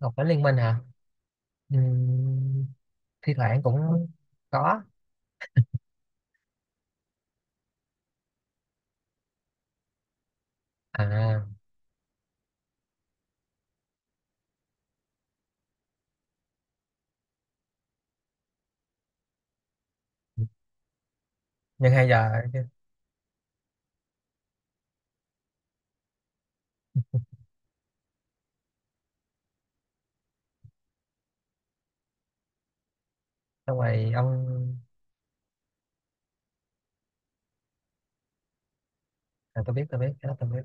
Học Cảnh Liên Minh hả? Ừm, Thi thoảng cũng có. À, nhưng hay giờ xong rồi ông à, tôi biết cái đó tôi biết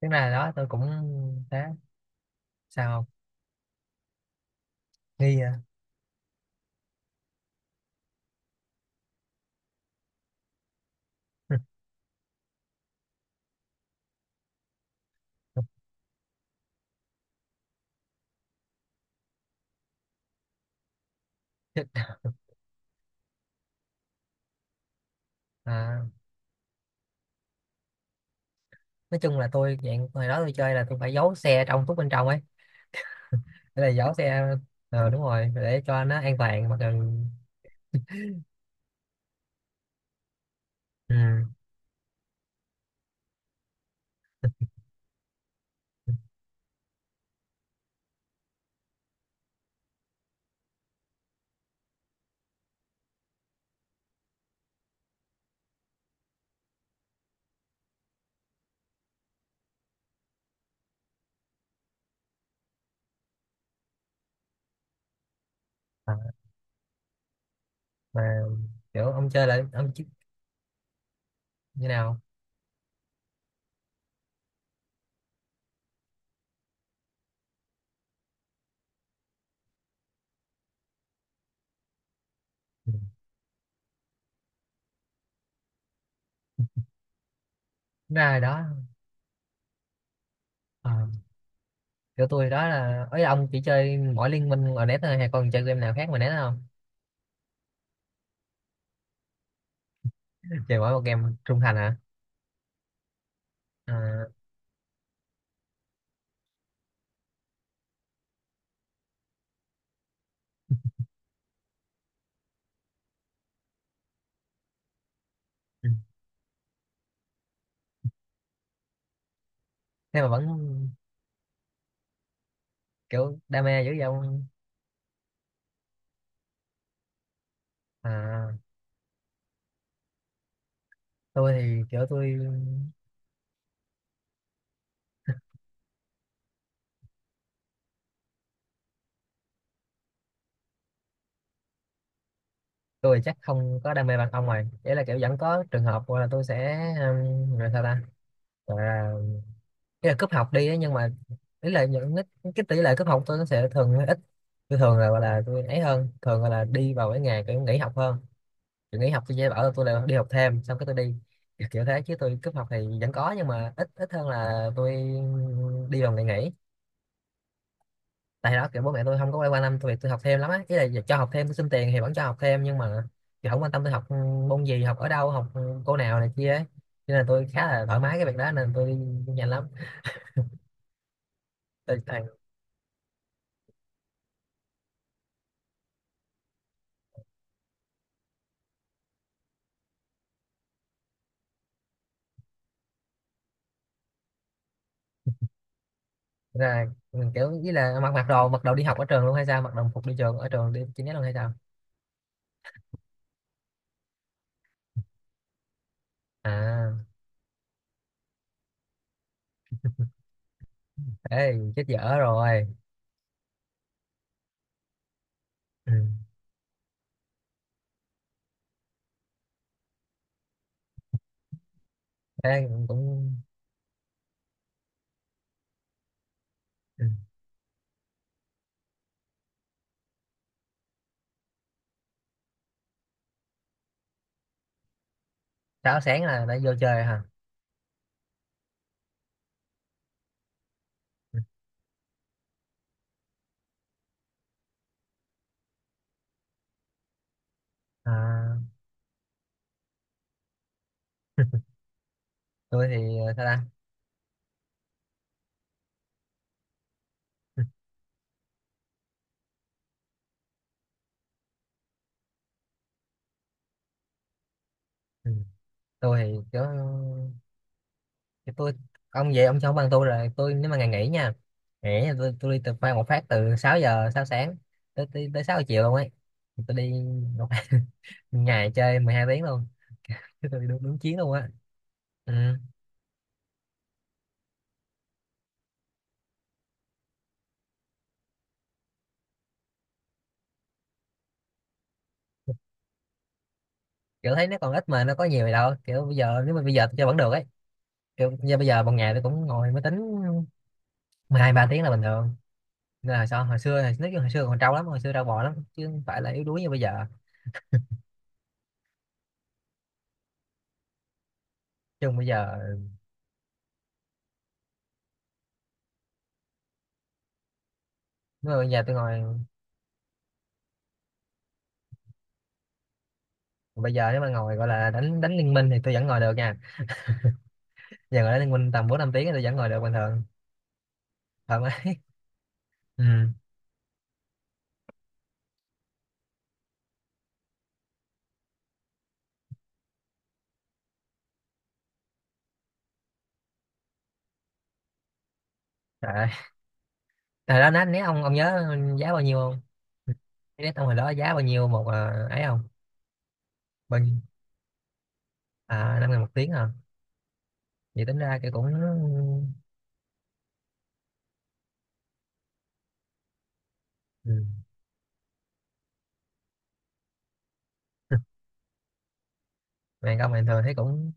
tiếng này đó tôi cũng thế. Sao không? Nghi à? À, nói chung là tôi dạng hồi đó tôi chơi là tôi phải giấu xe trong túc bên trong ấy, để là giấu xe. Đúng rồi, để cho nó an toàn mà cần. Ừ. À, mà kiểu ông chơi là ông chứ, như nào? Ừ, ra rồi đó. Ờ, kiểu tôi đó là ấy, ông chỉ chơi mỗi liên minh ở net thôi hay còn chơi game nào khác mà net không? Chơi mỗi một game trung thành hả? À, ừ. Thế mà vẫn kiểu đam mê dữ vậy ông. À, tôi thì kiểu tôi chắc không có đam mê bằng ông rồi, đấy là kiểu vẫn có trường hợp gọi là tôi sẽ gọi sao ta, gọi là, ý là cúp học đi ấy, nhưng mà ý là những cái tỷ lệ cúp học tôi nó sẽ thường hơi ít. Tôi thường là gọi là tôi ấy hơn, thường gọi là đi vào cái ngày kiểu nghỉ học hơn. Tôi nghỉ học tôi về ở tôi lại đi học thêm xong cái tôi đi, kiểu kiểu thế chứ tôi cúp học thì vẫn có nhưng mà ít ít hơn là tôi đi vào ngày nghỉ. Tại đó kiểu bố mẹ tôi không có quan tâm tôi việc tôi học thêm lắm á, ý là cho học thêm tôi xin tiền thì vẫn cho học thêm nhưng mà kiểu không quan tâm tôi học môn gì, học ở đâu, học cô nào này kia ấy, cho nên là tôi khá là thoải mái cái việc đó nên tôi đi nhanh lắm. Tôi toàn là kiểu ý là mặc mặc đồ đi học ở trường luôn hay sao, mặc đồng phục đi trường ở trường đi chính nhất luôn hay sao? À thế chết dở rồi. Ừ, thế cũng. Ừ. Sáu sáng là đã vô chơi hả? Ừ, à. Tôi thì sao ta. Ừ, ừ. Tôi thì kiểu kiểu tôi, ông về ông cho ông bằng tôi rồi. Tôi nếu mà ngày nghỉ nha, nghỉ thì tôi đi từ khoan một phát từ 6 giờ 6 sáng tới tới, tới 6 giờ chiều luôn ấy. Tôi đi một ngày chơi 12 tiếng luôn. Cái tôi đi đúng, đúng chiến luôn á. Ừ, kiểu thấy nó còn ít mà nó có nhiều gì đâu, kiểu bây giờ nếu mà bây giờ tôi chơi vẫn được ấy. Kiểu như bây giờ một ngày tôi cũng ngồi máy tính 12 ba tiếng là bình thường, nên là sao hồi xưa nói chung hồi xưa còn trâu lắm, hồi xưa trâu bò lắm chứ không phải là yếu đuối như bây giờ. Chứ bây giờ nếu mà bây giờ tôi ngồi, bây giờ nếu mà ngồi gọi là đánh đánh liên minh thì tôi vẫn ngồi được nha. Giờ ngồi đánh liên minh tầm 4 5 tiếng thì tôi vẫn ngồi được bình thường. Thật á. Ừ. Trời ơi. Đó nát nét, ông nhớ giá bao nhiêu không? Nét ông hồi đó giá bao nhiêu một à, ấy không? Bao nhiêu? À 5 ngàn một tiếng à? Vậy tính ra cái cũng. Ừ. Màn công bình thường thấy cũng,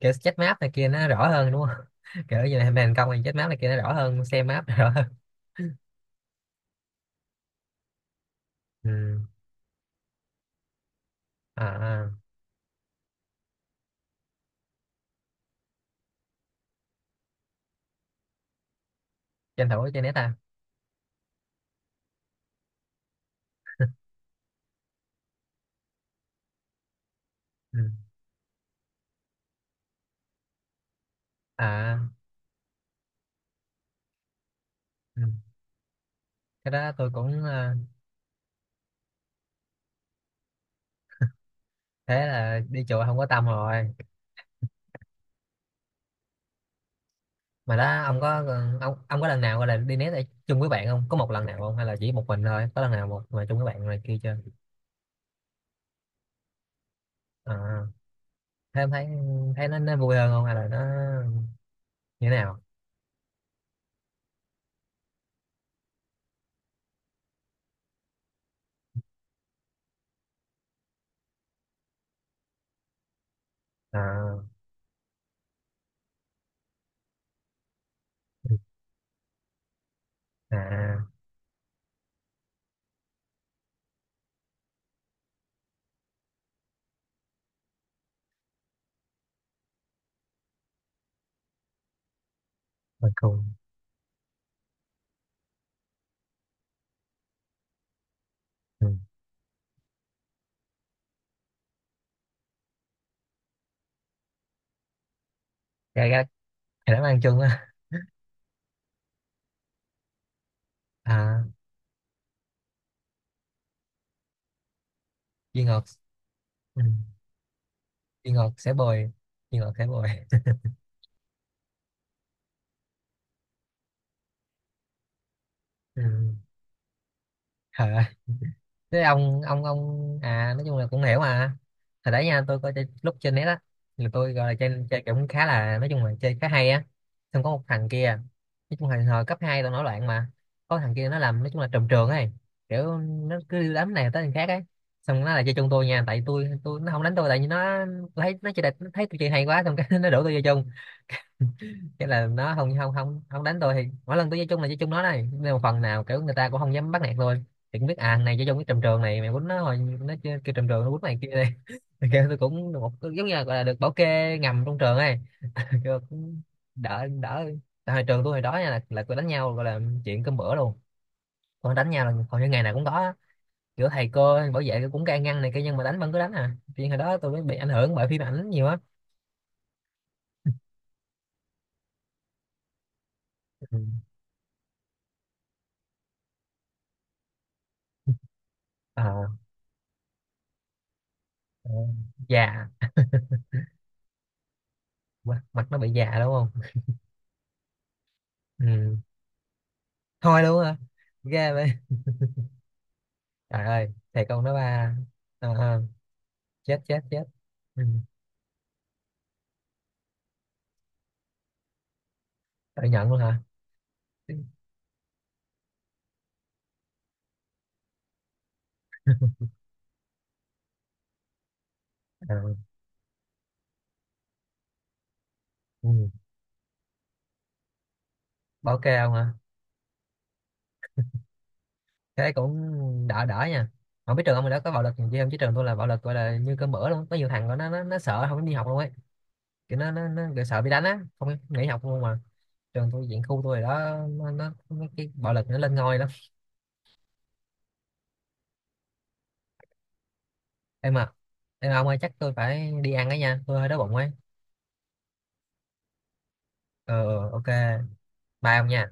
kiểu chết map này kia nó rõ hơn đúng không? Kiểu như là màn công màn chết map này kia nó rõ hơn, xem map rõ hơn. Ừ. À à. Tranh thủ trên nét ha. Ừ. À ừ. Cái đó tôi cũng à, thế là đi chùa không có tâm rồi. Mà đó ông có lần nào gọi là đi nét ở chung với bạn không, có một lần nào không, hay là chỉ một mình thôi, có lần nào một mà chung với bạn này kia chưa? À thế em thấy, thấy nó vui hơn không hay là nó như thế nào? À ừ. À mình cùng. Ừ. cái cái cái đó ăn chung á. À duy ngọt. Ừ. Duy ngọt sẽ bồi, duy ngọt sẽ bồi. Ừ. À thế ông à nói chung là cũng hiểu mà. Hồi đấy nha tôi coi chơi, lúc trên net á, thì tôi gọi là chơi, chơi cũng khá, là nói chung là chơi khá hay á, xong có một thằng kia, nói chung là hồi cấp 2 tao nổi loạn mà, có thằng kia nó làm nói chung là trùm trường ấy, kiểu nó cứ đám này tới thằng khác ấy, xong nó lại chơi chung tôi nha, tại tôi nó không đánh tôi tại vì nó, tôi thấy nó chơi đẹp, nó thấy tôi chơi hay quá xong cái nó đổ tôi vô chung, cái là nó không không không không đánh tôi thì mỗi lần tôi chơi chung là chơi chung nó này, nên một phần nào kiểu người ta cũng không dám bắt nạt tôi, thì cũng biết à thằng này chơi chung cái trầm trường này, mày quýnh nó hồi nó chơi kêu trầm trường nó quýnh mày kia đây, thì kêu tôi cũng được một giống như là, gọi là được bảo kê ngầm trong trường ấy. Kêu cũng đỡ đỡ. Tại hồi trường tôi hồi đó nha là tôi đánh nhau gọi là chuyện cơm bữa luôn, còn đánh nhau là hầu như ngày nào cũng có á. Kiểu thầy cô bảo vệ cũng can ngăn này kia nhưng mà đánh vẫn cứ đánh, à chuyện hồi đó tôi mới bị ảnh hưởng bởi phim ảnh nhiều á. Ừ, à, già. Mặt nó bị già đúng không? Ừ. Thôi luôn hả? Ghê vậy. Trời ơi thầy câu nó ba. Ờ, ờ. Chết chết chết. Ừ. Tự nhận luôn hả? Ờ, ừ. Bảo kê ông hả? Thế cũng đỡ đỡ nha. Không biết trường ông hồi đó có bạo lực gì không chứ trường tôi là bạo lực gọi là như cơm bữa luôn, có nhiều thằng của nó sợ không dám đi học luôn ấy, kiểu nó kiểu sợ bị đánh á không dám nghỉ học luôn mà. Trường tôi diện khu tôi rồi đó, nó mấy cái bạo lực nó lên ngôi lắm. Em à, em à, ông ơi chắc tôi phải đi ăn ấy nha tôi hơi đói bụng ấy. Ờ ờ, ok. Bye ông nha.